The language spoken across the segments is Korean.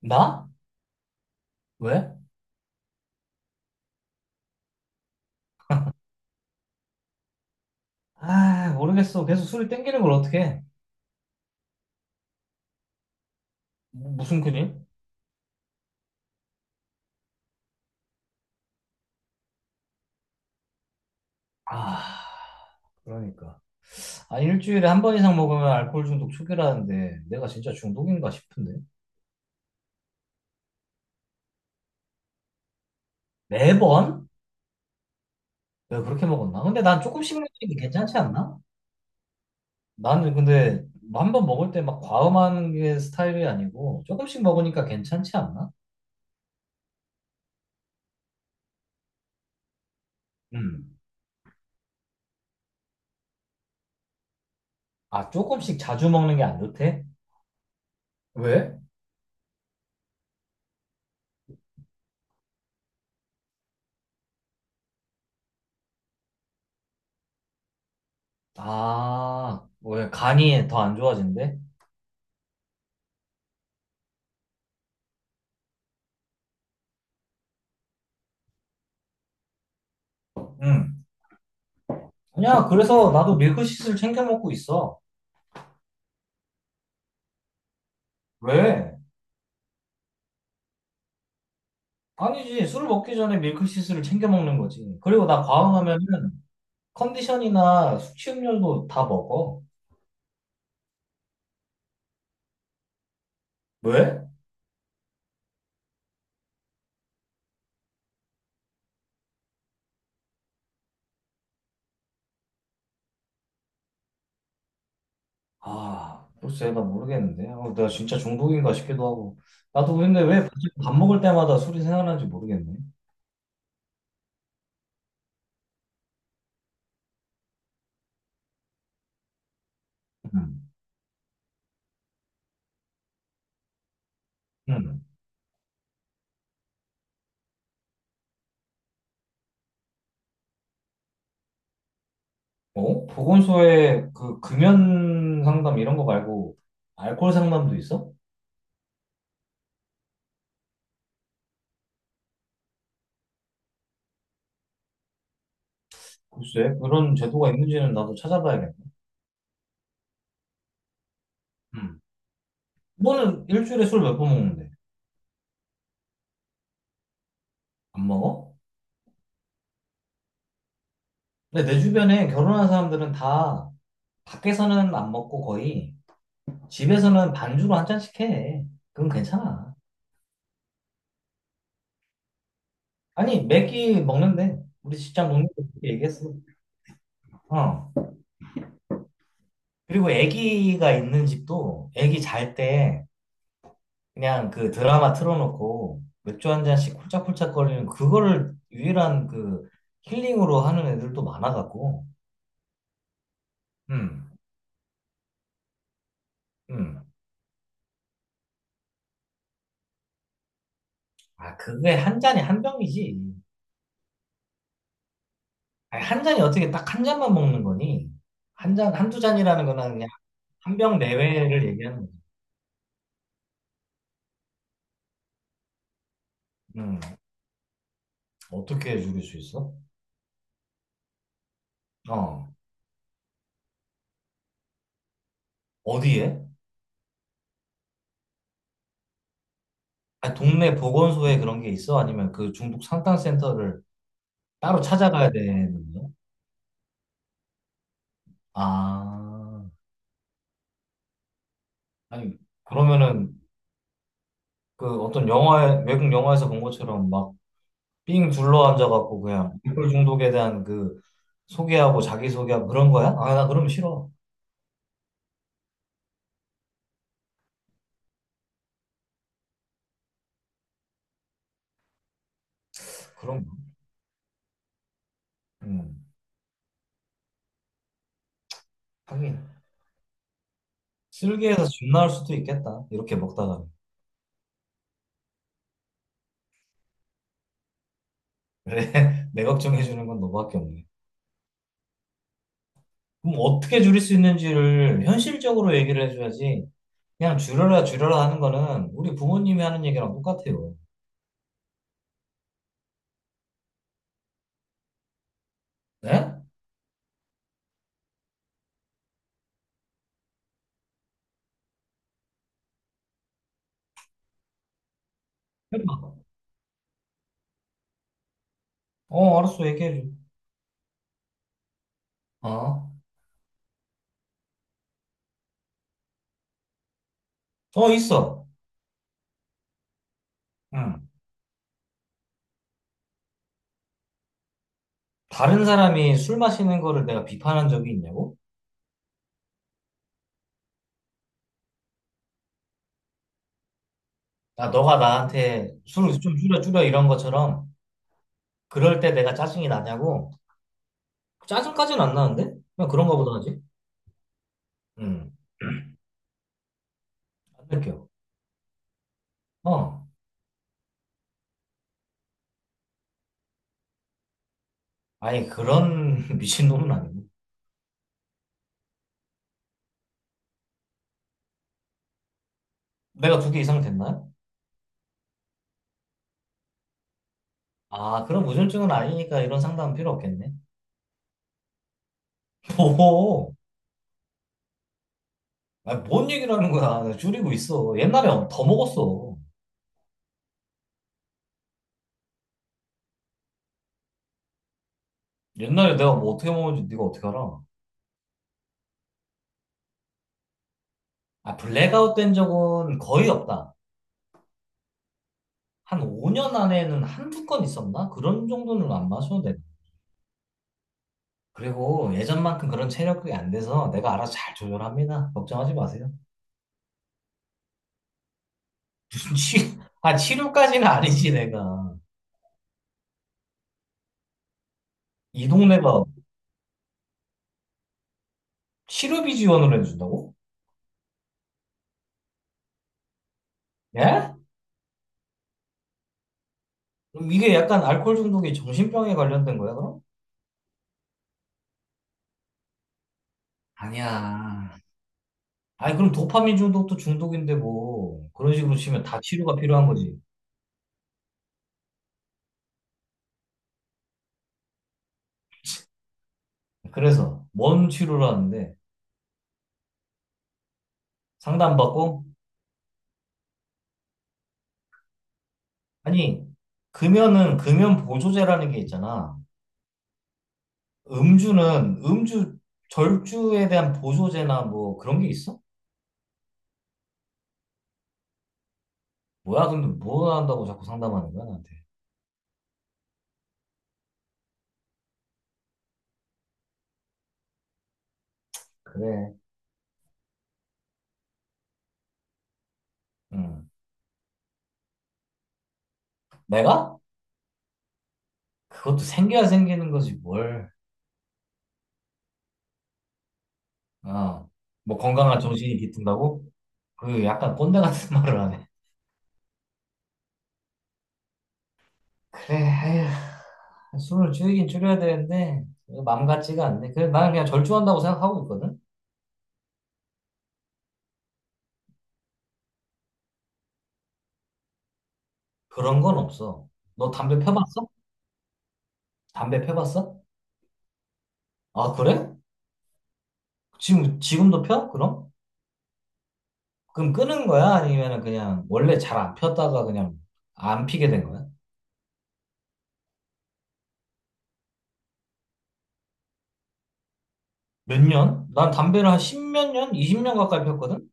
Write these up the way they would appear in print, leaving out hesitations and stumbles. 나? 왜? 아, 모르겠어. 계속 술이 땡기는 걸 어떻게. 무슨 큰일? 아, 그러니까. 아, 일주일에 한 번 이상 먹으면 알코올 중독 초기라는데 내가 진짜 중독인가 싶은데. 매번? 왜 그렇게 먹었나? 근데 난 조금씩 먹는 게 괜찮지 않나? 나는 근데 한 번 먹을 때 막 과음하는 게 스타일이 아니고 조금씩 먹으니까 괜찮지 않나? 음. 아, 조금씩 자주 먹는 게 안 좋대? 왜? 아, 왜 간이 더 안 좋아진대? 응. 아니야, 그래서 나도 밀크시슬 챙겨 먹고 있어. 왜? 아니지, 술 먹기 전에 밀크시슬을 챙겨 먹는 거지. 그리고 나 과음하면은 컨디션이나 숙취음료도 다 먹어. 왜? 아, 글쎄, 나 모르겠는데. 어, 나 진짜 중독인가 싶기도 하고. 나도 근데 왜 밥 먹을 때마다 술이 생각나는지 모르겠네. 음. 음. 어? 보건소에 그 금연 상담 이런 거 말고 알코올 상담도 있어? 글쎄. 그런 제도가 있는지는 나도 찾아봐야겠네. 음. 너는 일주일에 술 몇 번 먹는데? 안 먹어? 근데 내 주변에 결혼한 사람들은 다 밖에서는 안 먹고 거의 집에서는 반주로 한 잔씩 해. 그건 괜찮아. 아니, 매끼 먹는데. 우리 직장 동료도 그렇게 얘기했어. 어. 그리고 애기가 있는 집도 애기 잘 때 그냥 그 드라마 틀어놓고 맥주 한 잔씩 홀짝홀짝 거리는 그거를 유일한 그 힐링으로 하는 애들도 많아갖고. 음, 음. 아, 그게 한 잔에 한 병이지. 아니, 한 잔이 어떻게 딱 한 잔만 먹는 거니? 한 잔, 한 두 잔이라는 거는 그냥 한 병 내외를 얘기하는 거지. 음, 어떻게 줄일 수 있어? 어, 어디에? 아니, 동네 보건소에 그런 게 있어? 아니면 그 중독 상담센터를 따로 찾아가야 되는 거야? 아, 아니, 그러면은 그 어떤 영화에, 외국 영화에서 본 것처럼 막 삥 둘러 앉아갖고 그냥 알코올 중독에 대한 그 소개하고 자기소개하고 그런 거야? 아, 나 그러면 싫어. 그런 거. 음, 하긴. 슬기에서 쥐 나올 수도 있겠다. 이렇게 먹다가. 그래, 내 걱정해주는 건 너밖에 없네. 그럼 어떻게 줄일 수 있는지를 현실적으로 얘기를 해줘야지. 그냥 줄여라, 줄여라 하는 거는 우리 부모님이 하는 얘기랑 똑같아요. 네? 어, 알았어, 얘기해줘. 어? 어, 있어. 응. 다른 사람이 술 마시는 거를 내가 비판한 적이 있냐고? 야, 너가 나한테 술을 좀 줄여, 줄여 이런 것처럼 그럴 때 내가 짜증이 나냐고? 짜증까지는 안 나는데? 그냥 그런가 보다 하지. 응. 안 느껴. 어. 아니, 그런 미친놈은 아니고. 내가 두 개 이상 됐나요? 아, 그럼 우울증은 아니니까 이런 상담은 필요 없겠네. 뭐, 아니, 뭔 얘기를 하는 거야. 내가 줄이고 있어. 옛날에 더 먹었어. 옛날에 내가 뭐 어떻게 먹었는지 네가 어떻게 알아? 아, 블랙아웃 된 적은 거의 없다. 한 5년 안에는 한두 건 있었나? 그런 정도는 안 마셔도 돼. 그리고 예전만큼 그런 체력이 안 돼서 내가 알아서 잘 조절합니다. 걱정하지 마세요. 무슨 치, 아, 치료까지는 아니지, 내가. 이 동네가 치료비 지원을 해준다고? 예? 그럼 이게 약간 알코올 중독이 정신병에 관련된 거야, 그럼? 아니야. 아니, 그럼 도파민 중독도 중독인데 뭐 그런 식으로 치면 다 치료가 필요한 거지. 그래서 뭔 치료를 하는데 상담받고? 아니, 금연은 금연 보조제라는 게 있잖아. 음주는 음주 절주에 대한 보조제나 뭐 그런 게 있어? 뭐야, 근데 뭐 한다고 자꾸 상담하는 거야, 나한테. 그래. 응. 내가? 그것도 생겨야 생기는 거지, 뭘. 어, 뭐 건강한 정신이 깃든다고? 그 약간 꼰대 같은 말을 하네. 그래, 에휴, 술을 줄이긴 줄여야 되는데 맘 같지가 않네. 그래, 나는 그냥 절주한다고 생각하고 있거든. 그런 건 없어. 너 담배 펴봤어? 담배 펴봤어? 아, 그래? 지금도 펴? 그럼? 그럼 끊은 거야? 아니면 그냥 원래 잘 안 폈다가 그냥 안 피게 된 거야? 몇 년? 난 담배를 한 십몇 년, 20년 가까이 폈거든.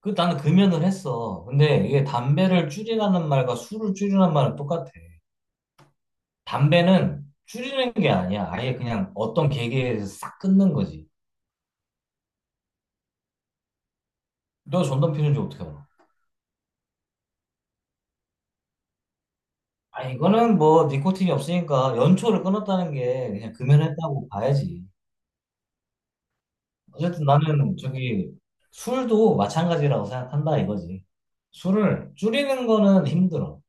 그 나는 금연을 했어. 근데 이게 담배를 줄이라는 말과 술을 줄이라는 말은 똑같아. 담배는 줄이는 게 아니야. 아예 그냥 어떤 계기에서 싹 끊는 거지. 너 전담 피우는지 어떻게 알아? 아, 이거는 뭐 니코틴이 없으니까 연초를 끊었다는 게 그냥 금연했다고 봐야지. 어쨌든 나는 저기 술도 마찬가지라고 생각한다 이거지. 술을 줄이는 거는 힘들어.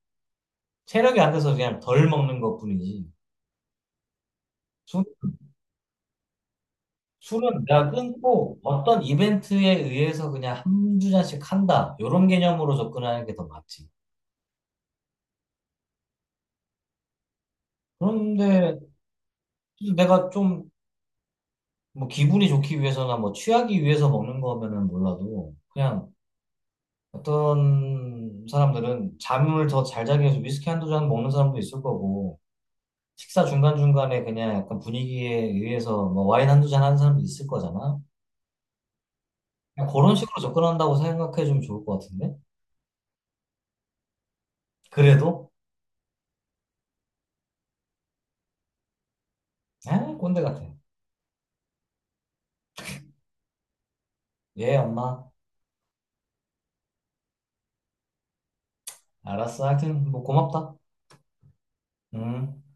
체력이 안 돼서 그냥 덜 먹는 것뿐이지. 술은 내가 끊고 어떤 이벤트에 의해서 그냥 한두 잔씩 한다. 이런 개념으로 접근하는 게 더 맞지. 그런데 내가 좀 뭐 기분이 좋기 위해서나 뭐 취하기 위해서 먹는 거면은 몰라도 그냥 어떤 사람들은 잠을 더 잘 자기 위해서 위스키 한두 잔 먹는 사람도 있을 거고 식사 중간중간에 그냥 약간 분위기에 의해서 뭐 와인 한두 잔 하는 사람도 있을 거잖아. 그냥 그런 식으로 접근한다고 생각해 주면 좋을 것 같은데? 그래도? 에 꼰대 같아. 예, 엄마. 알았어. 하여튼 뭐 고맙다. 음.